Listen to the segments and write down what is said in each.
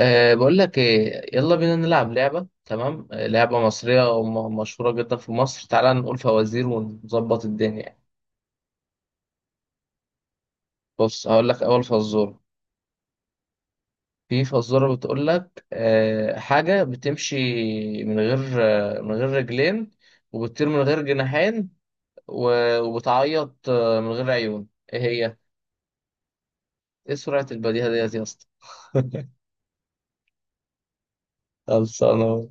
بقول لك إيه، يلا بينا نلعب لعبة، تمام؟ لعبة مصرية ومشهورة جدا في مصر، تعالى نقول فوازير ونظبط الدنيا يعني. بص هقول لك أول فزورة. في فزورة بتقول لك حاجة بتمشي من غير، من غير رجلين، وبتطير من غير جناحين، و- وبتعيط من غير عيون. إيه هي؟ إيه سرعة البديهة ديت يا اسطى؟ خلصانة.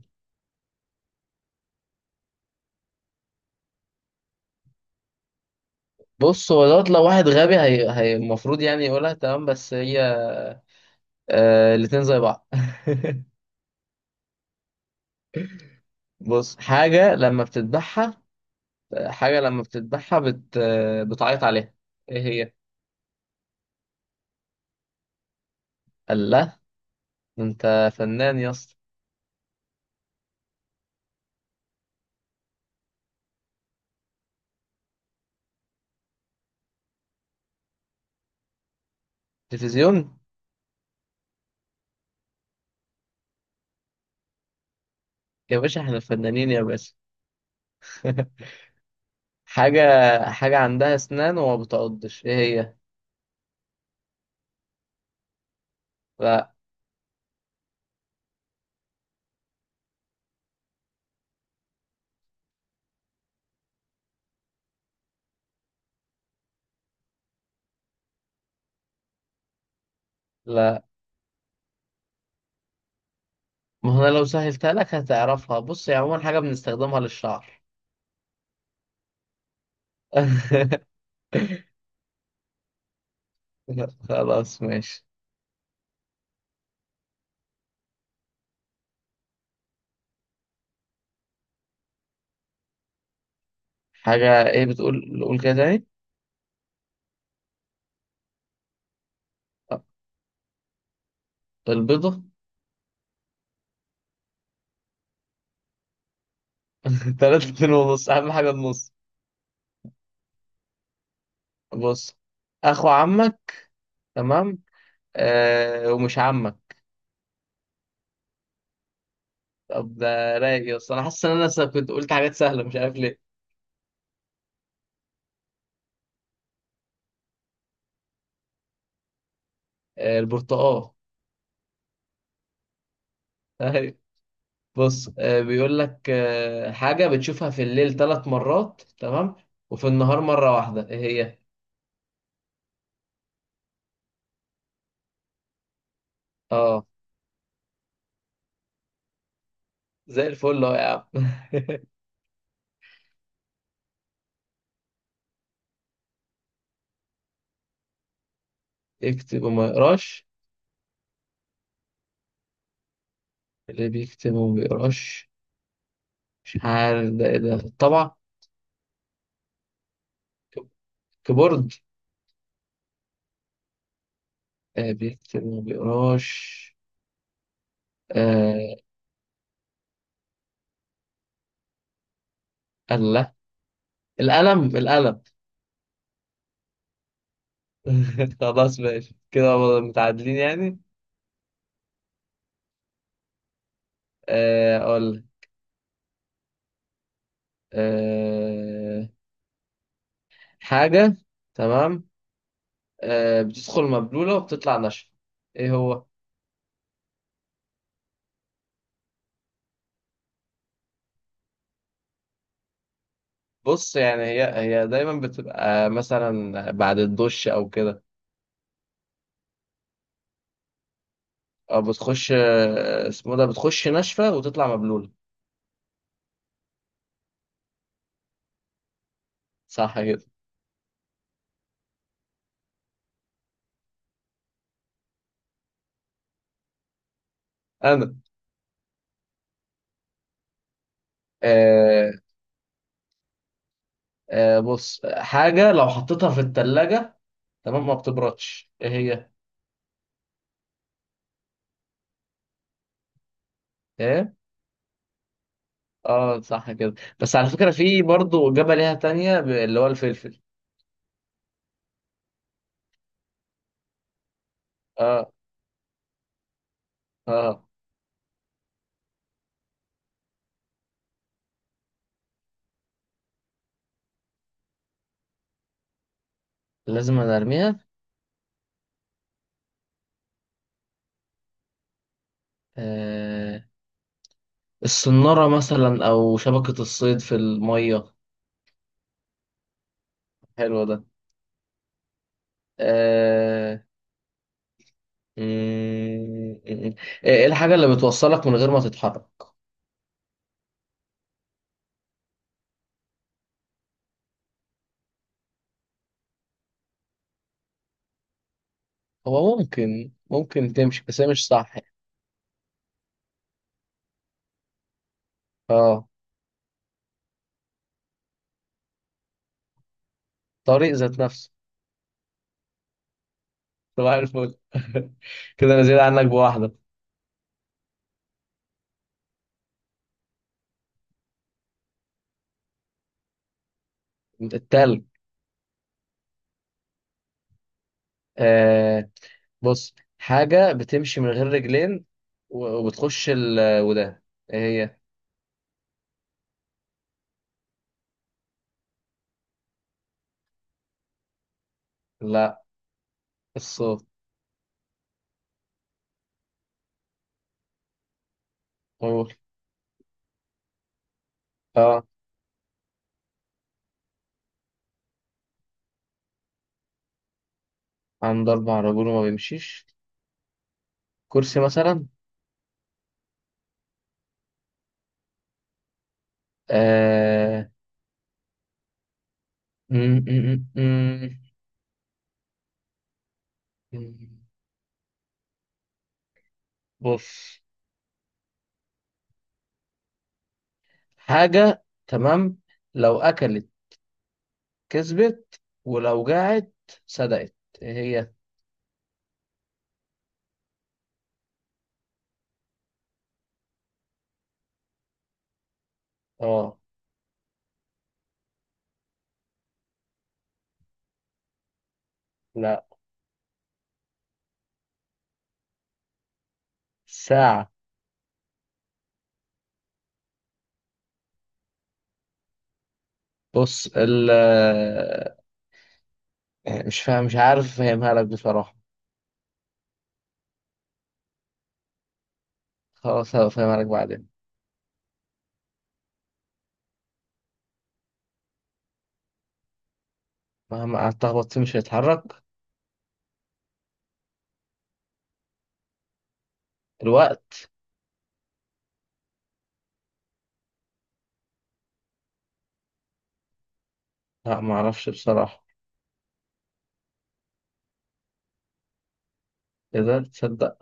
بص هو دوت لو واحد غبي هي المفروض يعني يقولها، تمام؟ بس هي آه الاتنين زي بعض. بص، حاجة لما بتذبحها، حاجة لما بتذبحها بت... آه، بتعيط عليها. ايه هي؟ قال لا. ده انت فنان يا اسطى. تلفزيون. يا باشا، احنا فنانين يا باشا. حاجة، حاجة عندها اسنان وما بتعضش، ايه هي؟ لا، لا، ما هو انا لو سهلتها لك هتعرفها. بص هي عموما حاجة بنستخدمها للشعر. خلاص ماشي. حاجة ايه؟ بتقول قول كده تاني. البيضة. تلاتة اتنين ونص، أهم حاجة النص. بص، اخو عمك، تمام، آه، ومش عمك. طب ده رايق يا اسطى، انا حاسس ان انا كنت قلت حاجات سهله، مش عارف ليه. آه البرتقال. أيوة. بص، بيقول لك حاجه بتشوفها في الليل ثلاث مرات، تمام، وفي النهار مره واحده، ايه هي؟ اه زي الفل اهو يا عم. يكتب وما يقراش، اللي بيكتب وما بيقراش، مش عارف ده ايه، ده الطبعة. كيبورد. آه بيكتب وما بيقراش. آه، القلم، القلم. خلاص ماشي، كده متعادلين يعني. اقول لك. آه، حاجة، تمام، بتدخل مبلولة وبتطلع ناشفة، ايه هو؟ بص يعني هي دايما بتبقى مثلا بعد الدش او كده، او بتخش آه، اسمه ده بتخش ناشفة وتطلع مبلولة. صح كده. انا. آه، بص، حاجة لو حطيتها في التلاجة، تمام، ما بتبردش، ايه هي؟ إيه؟ اه صح كده. بس على فكرة في برضه إجابة ليها تانية، اللي هو الفلفل. اه. اه لازم أنا ارميها. آه، الصنارة مثلا او شبكة الصيد في المية. حلو ده. آه. مم، مم. ايه الحاجة اللي بتوصلك من غير ما تتحرك؟ هو ممكن، ممكن تمشي، بس هي مش صح يعني. اه، طريق ذات نفسه. صباح الفل. كده انا زيادة عنك بواحدة. التلج. آه. بص حاجة بتمشي من غير رجلين، و- وبتخش وده، ايه هي؟ لا، الصوت. قول. اه عنده أربع رجول وما بيمشيش، كرسي مثلا. آه. م- م- م- م- بص، حاجة، تمام، لو أكلت كسبت، ولو جاعت صدقت، ايه هي؟ اه. لا. ساعة. بص ال مش فاهم، مش عارف أفهمها لك بصراحة. خلاص هفهم عليك بعدين. مهما قعدت أخبط فيه مش هيتحرك، الوقت. لا معرفش بصراحة. إيه ده؟ تصدق.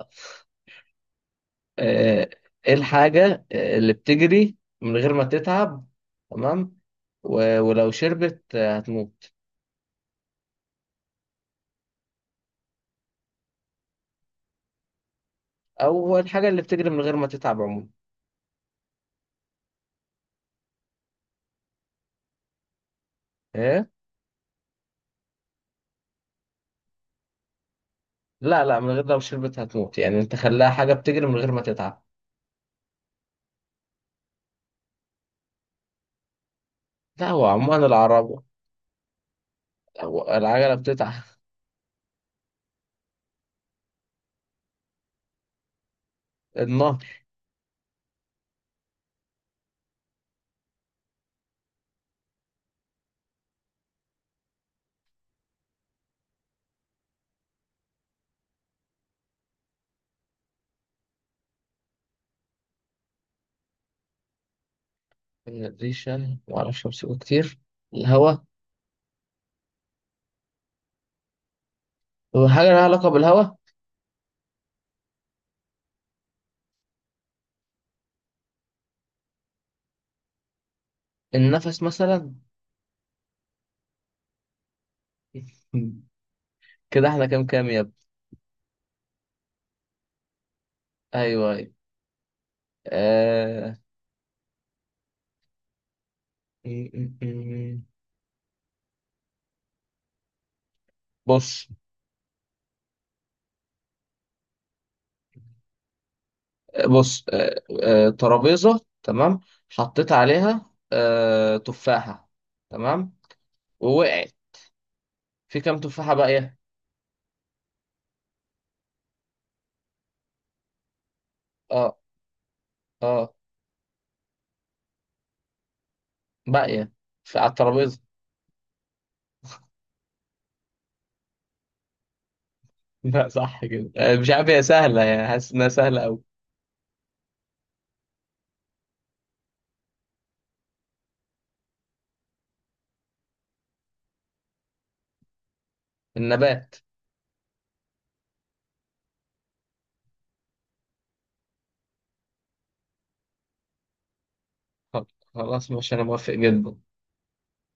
آه، إيه الحاجة اللي بتجري من غير ما تتعب، تمام، و- ولو شربت هتموت؟ أو الحاجة اللي بتجري من غير ما تتعب عموما. إيه؟ لا، لا، من غير لو شربت هتموت، يعني أنت خلاها حاجة بتجري من غير ما تتعب. لا هو عموما العربة. هو العجلة بتتعب. النهر. الريشة معرفش أمسكه كتير. الهوا. هو حاجة لها علاقة بالهوا. النفس مثلا. كده احنا كام كام يا ابني؟ ايوه، ايوه. آه... م- م- م. بص. بص، ترابيزة، تمام، حطيت عليها تفاحة، تمام، ووقعت، في كام تفاحة باقية؟ اه. اه باقية، على الترابيزة. لا صح كده. مش عارف هي سهلة يعني، حاسس انها سهلة أوي. النبات. خلاص ماشي، انا موافق جدا.